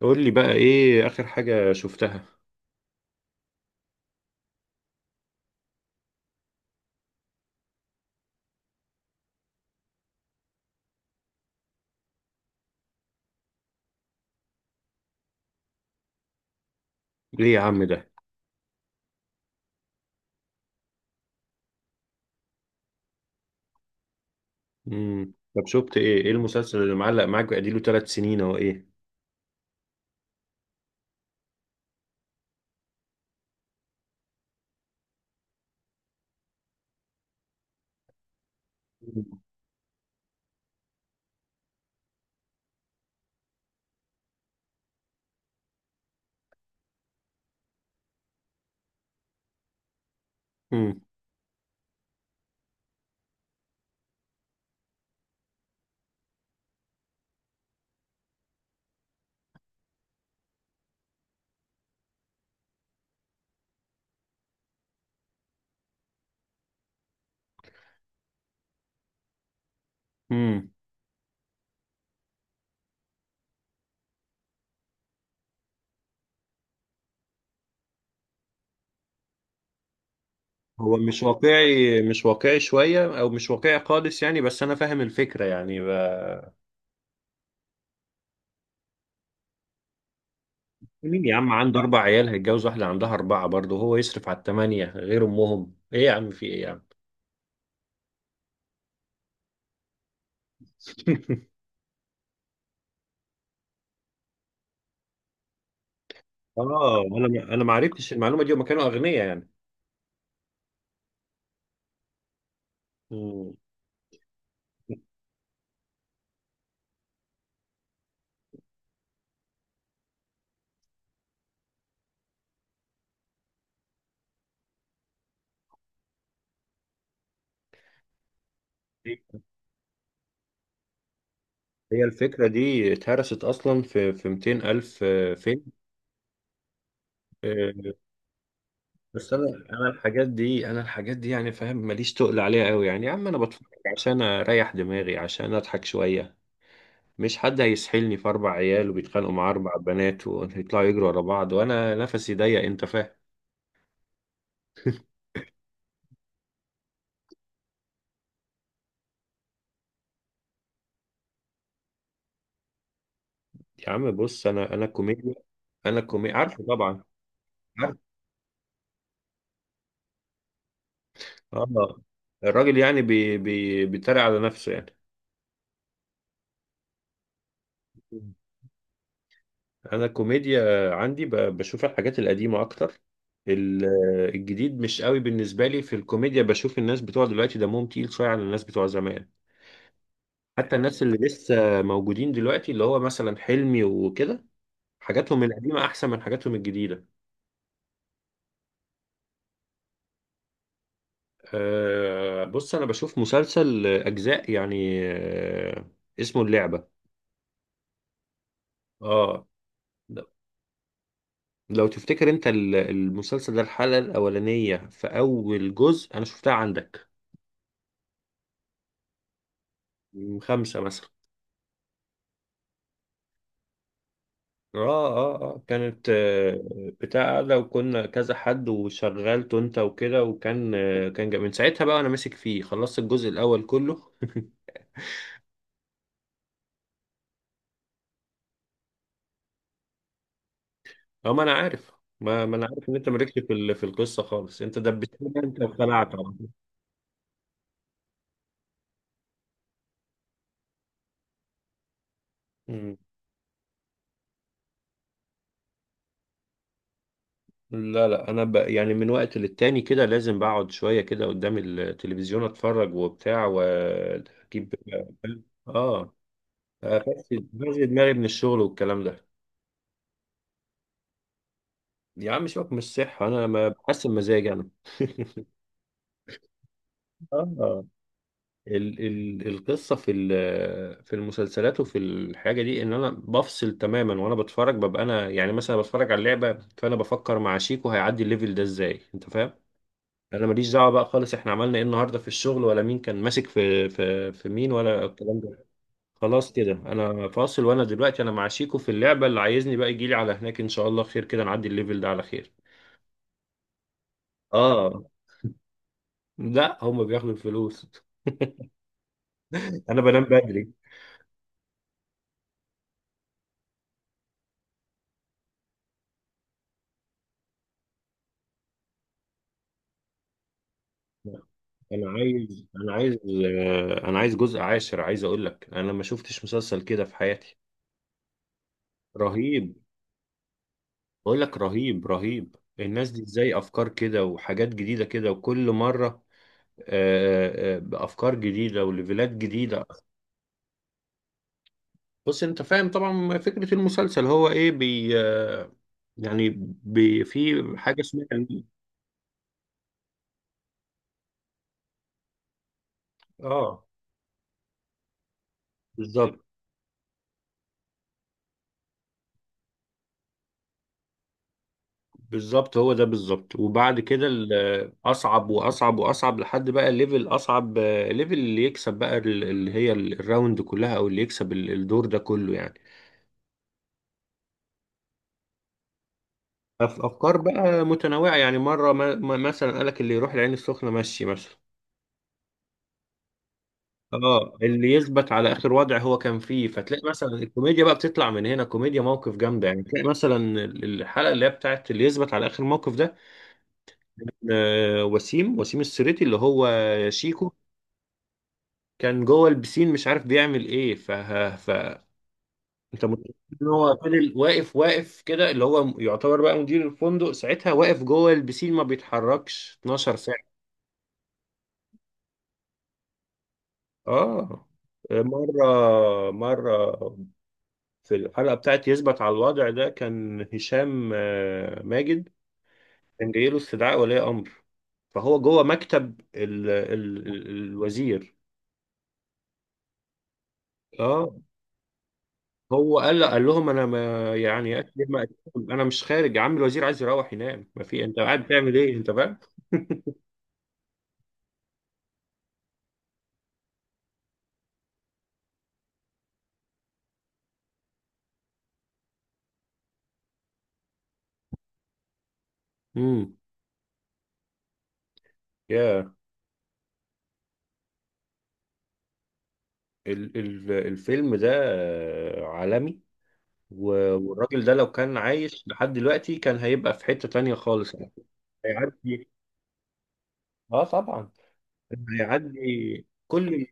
قول لي بقى، ايه اخر حاجة شفتها؟ ليه يا عم ده؟ طب شفت ايه المسلسل اللي معلق معاك بقى 3 سنين او ايه؟ امم. امم. هو مش واقعي، مش واقعي شوية او مش واقعي خالص يعني، بس انا فاهم الفكرة يعني مين يا عم عنده 4 عيال هيتجوز واحدة عندها 4 برضه، هو يصرف على الثمانية غير امهم؟ ايه يا عم، في ايه يا عم؟ اه، انا ما عرفتش المعلومة دي، وما كانوا اغنياء يعني. امم. هي الفكرة دي اتهرست أصلا في 200 ألف فيلم. آه، بس أنا الحاجات دي يعني فاهم، ماليش تقل عليها أوي يعني يا عم، أنا بتفرج عشان أريح دماغي، عشان أضحك شوية. مش حد هيسحلني في 4 عيال وبيتخانقوا مع 4 بنات ويطلعوا يجروا ورا بعض وأنا نفسي ضيق، أنت فاهم؟ يا عم بص، أنا كوميديا، أنا كوميديا عارفه طبعا. عارف. آه. الراجل يعني بي بي بيتريق على نفسه يعني. انا الكوميديا عندي بشوف الحاجات القديمه اكتر. ال- الجديد مش قوي بالنسبه لي في الكوميديا. بشوف الناس بتوع دلوقتي دمهم تقيل شويه على الناس بتوع زمان. حتى الناس اللي لسه موجودين دلوقتي، اللي هو مثلا حلمي وكده، حاجاتهم القديمه احسن من حاجاتهم الجديده. أه بص، انا بشوف مسلسل اجزاء يعني، اسمه اللعبه. اه. لو تفتكر انت المسلسل ده، الحلقه الاولانيه في اول جزء انا شفتها عندك. من خمسه مثلا. اه اه اه كانت بتاع قاعدة، وكنا كذا حد وشغلته انت وكده، وكان من ساعتها بقى انا ماسك فيه، خلصت الجزء الاول كله. اه ما انا عارف. ما انا عارف ان انت مالكش في في القصة خالص، انت دبستني انت وخلعت على طول. مم. لا لا، انا يعني من وقت للتاني كده لازم بقعد شوية كده قدام التلفزيون اتفرج وبتاع واجيب. اه افسد دماغي من الشغل والكلام ده. يا عم سيبك من الصحة، أنا ما بحسن مزاجي أنا. اه، ال القصة في في المسلسلات وفي الحاجة دي إن أنا بفصل تماما، وأنا بتفرج ببقى أنا يعني مثلا بتفرج على اللعبة، فأنا بفكر مع شيكو هيعدي الليفل ده إزاي، أنت فاهم؟ أنا ماليش دعوة بقى خالص إحنا عملنا إيه النهاردة في الشغل، ولا مين كان ماسك في في مين، ولا الكلام ده. خلاص كده أنا فاصل، وأنا دلوقتي أنا مع شيكو في اللعبة، اللي عايزني بقى يجيلي على هناك إن شاء الله خير كده، نعدي الليفل ده على خير. آه، لا، هما بياخدوا الفلوس. انا بنام بدري. انا عايز انا عايز انا عايز جزء عاشر، عايز اقول لك انا ما شفتش مسلسل كده في حياتي. رهيب. بقول لك رهيب رهيب. الناس دي ازاي افكار كده وحاجات جديده كده، وكل مره بافكار جديده وليفلات جديده. بص انت فاهم طبعا فكره المسلسل هو ايه. بي آه، يعني في حاجه اسمها. اه بالظبط. بالظبط هو ده بالظبط. وبعد كده اصعب واصعب واصعب لحد بقى ليفل اصعب، ليفل اللي يكسب بقى اللي هي الراوند كلها، او اللي يكسب الدور ده كله يعني. افكار بقى متنوعه يعني. مره مثلا قالك اللي يروح العين السخنه مشي مثلا. اه، اللي يثبت على اخر وضع هو كان فيه، فتلاقي مثلا الكوميديا بقى بتطلع من هنا، كوميديا موقف جامده يعني. تلاقي مثلا الحلقه اللي هي بتاعت اللي يثبت على اخر موقف ده، وسيم، وسيم السريتي اللي هو شيكو، كان جوه البسين مش عارف بيعمل ايه، ف ف انت متخيل ان هو فضل واقف، واقف كده اللي هو يعتبر بقى مدير الفندق ساعتها، واقف جوه البسين ما بيتحركش 12 ساعة. اه. مرة مرة في الحلقة بتاعت يثبت على الوضع ده كان هشام ماجد كان جاي له استدعاء ولي امر، فهو جوه مكتب الوزير. اه. هو قال لهم انا ما يعني أكل ما أكلهم. انا مش خارج، يا عم الوزير عايز يروح ينام، ما في، انت قاعد بتعمل ايه، انت فاهم؟ امم. يا ال ال الفيلم ده عالمي، و- والراجل ده لو كان عايش لحد دلوقتي كان هيبقى في حتة تانية خالص. هيعدي. اه، طبعا. هيعدي كل ال-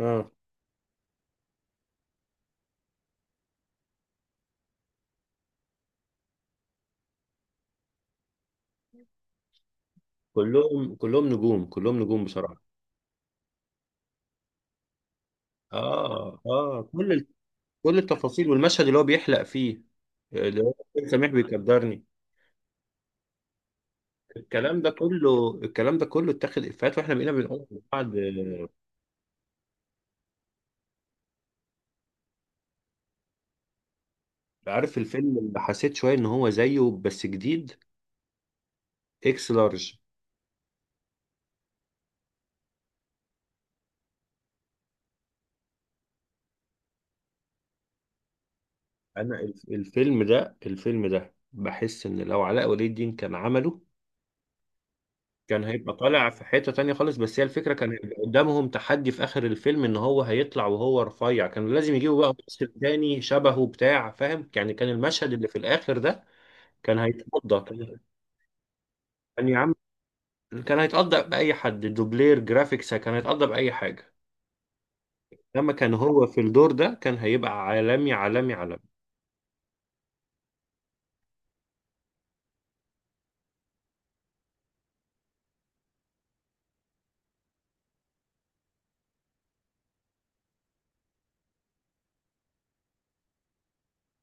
اه كلهم نجوم، كلهم نجوم بصراحة. اه اه، كل التفاصيل والمشهد اللي هو بيحلق فيه، اللي هو سميح بيقدرني، الكلام ده كله، الكلام ده كله اتاخد افيهات واحنا بقينا بنقول. بعد. عارف الفيلم اللي حسيت شويه ان هو زيه بس جديد؟ اكس لارج. انا الفيلم ده بحس ان لو علاء ولي الدين كان عمله كان هيبقى طالع في حته تانية خالص. بس هي الفكره كان هيبقى قدامهم تحدي في اخر الفيلم ان هو هيطلع وهو رفيع، كان لازم يجيبوا بقى ممثل تاني شبهه بتاع، فاهم يعني؟ كان المشهد اللي في الاخر ده كان هيتقضى. كان يعني يا عم، كان هيتقضى بأي حد، دوبلير، جرافيكس، كان هيتقضى بأي حاجة. لما كان هو في الدور ده كان هيبقى عالمي، عالمي، عالمي.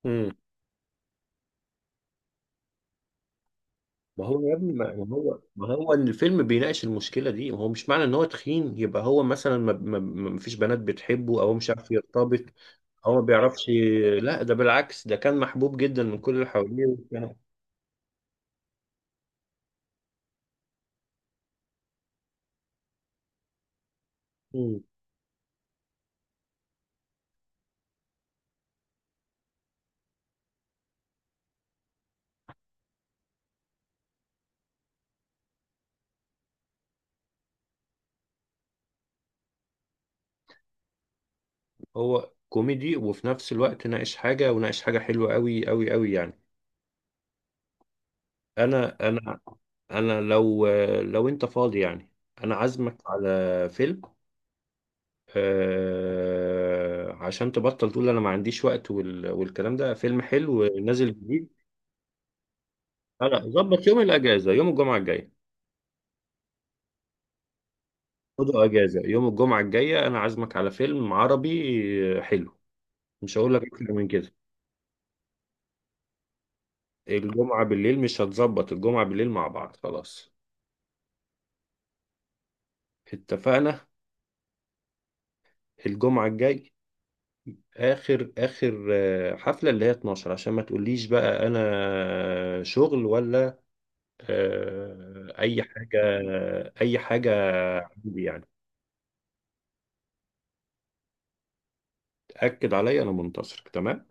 امم. ما هو يا ابني، ما هو، ما هو ان الفيلم بيناقش المشكلة دي، ما هو مش معنى ان هو تخين يبقى هو مثلا ما فيش بنات بتحبه او هو مش عارف يرتبط او ما بيعرفش. لا ده بالعكس، ده كان محبوب جدا من كل اللي حواليه وكان. مم. هو كوميدي وفي نفس الوقت ناقش حاجة، وناقش حاجة حلوة قوي قوي قوي يعني. انا. انا. انا لو لو انت فاضي يعني انا عازمك على فيلم، عشان تبطل تقول انا ما عنديش وقت والكلام ده. فيلم حلو نازل جديد. لا لا، ظبط يوم الاجازه، يوم الجمعه الجايه. خده اجازه يوم الجمعه الجايه، انا عازمك على فيلم عربي حلو. مش هقول لك اكتر من كده. الجمعه بالليل، مش هتظبط الجمعه بالليل مع بعض؟ خلاص، اتفقنا. الجمعه الجاي اخر حفله، اللي هي 12، عشان ما تقوليش بقى انا شغل ولا اي حاجه. اي حاجه. عندي يعني. تاكد عليا، انا منتصرك تمام.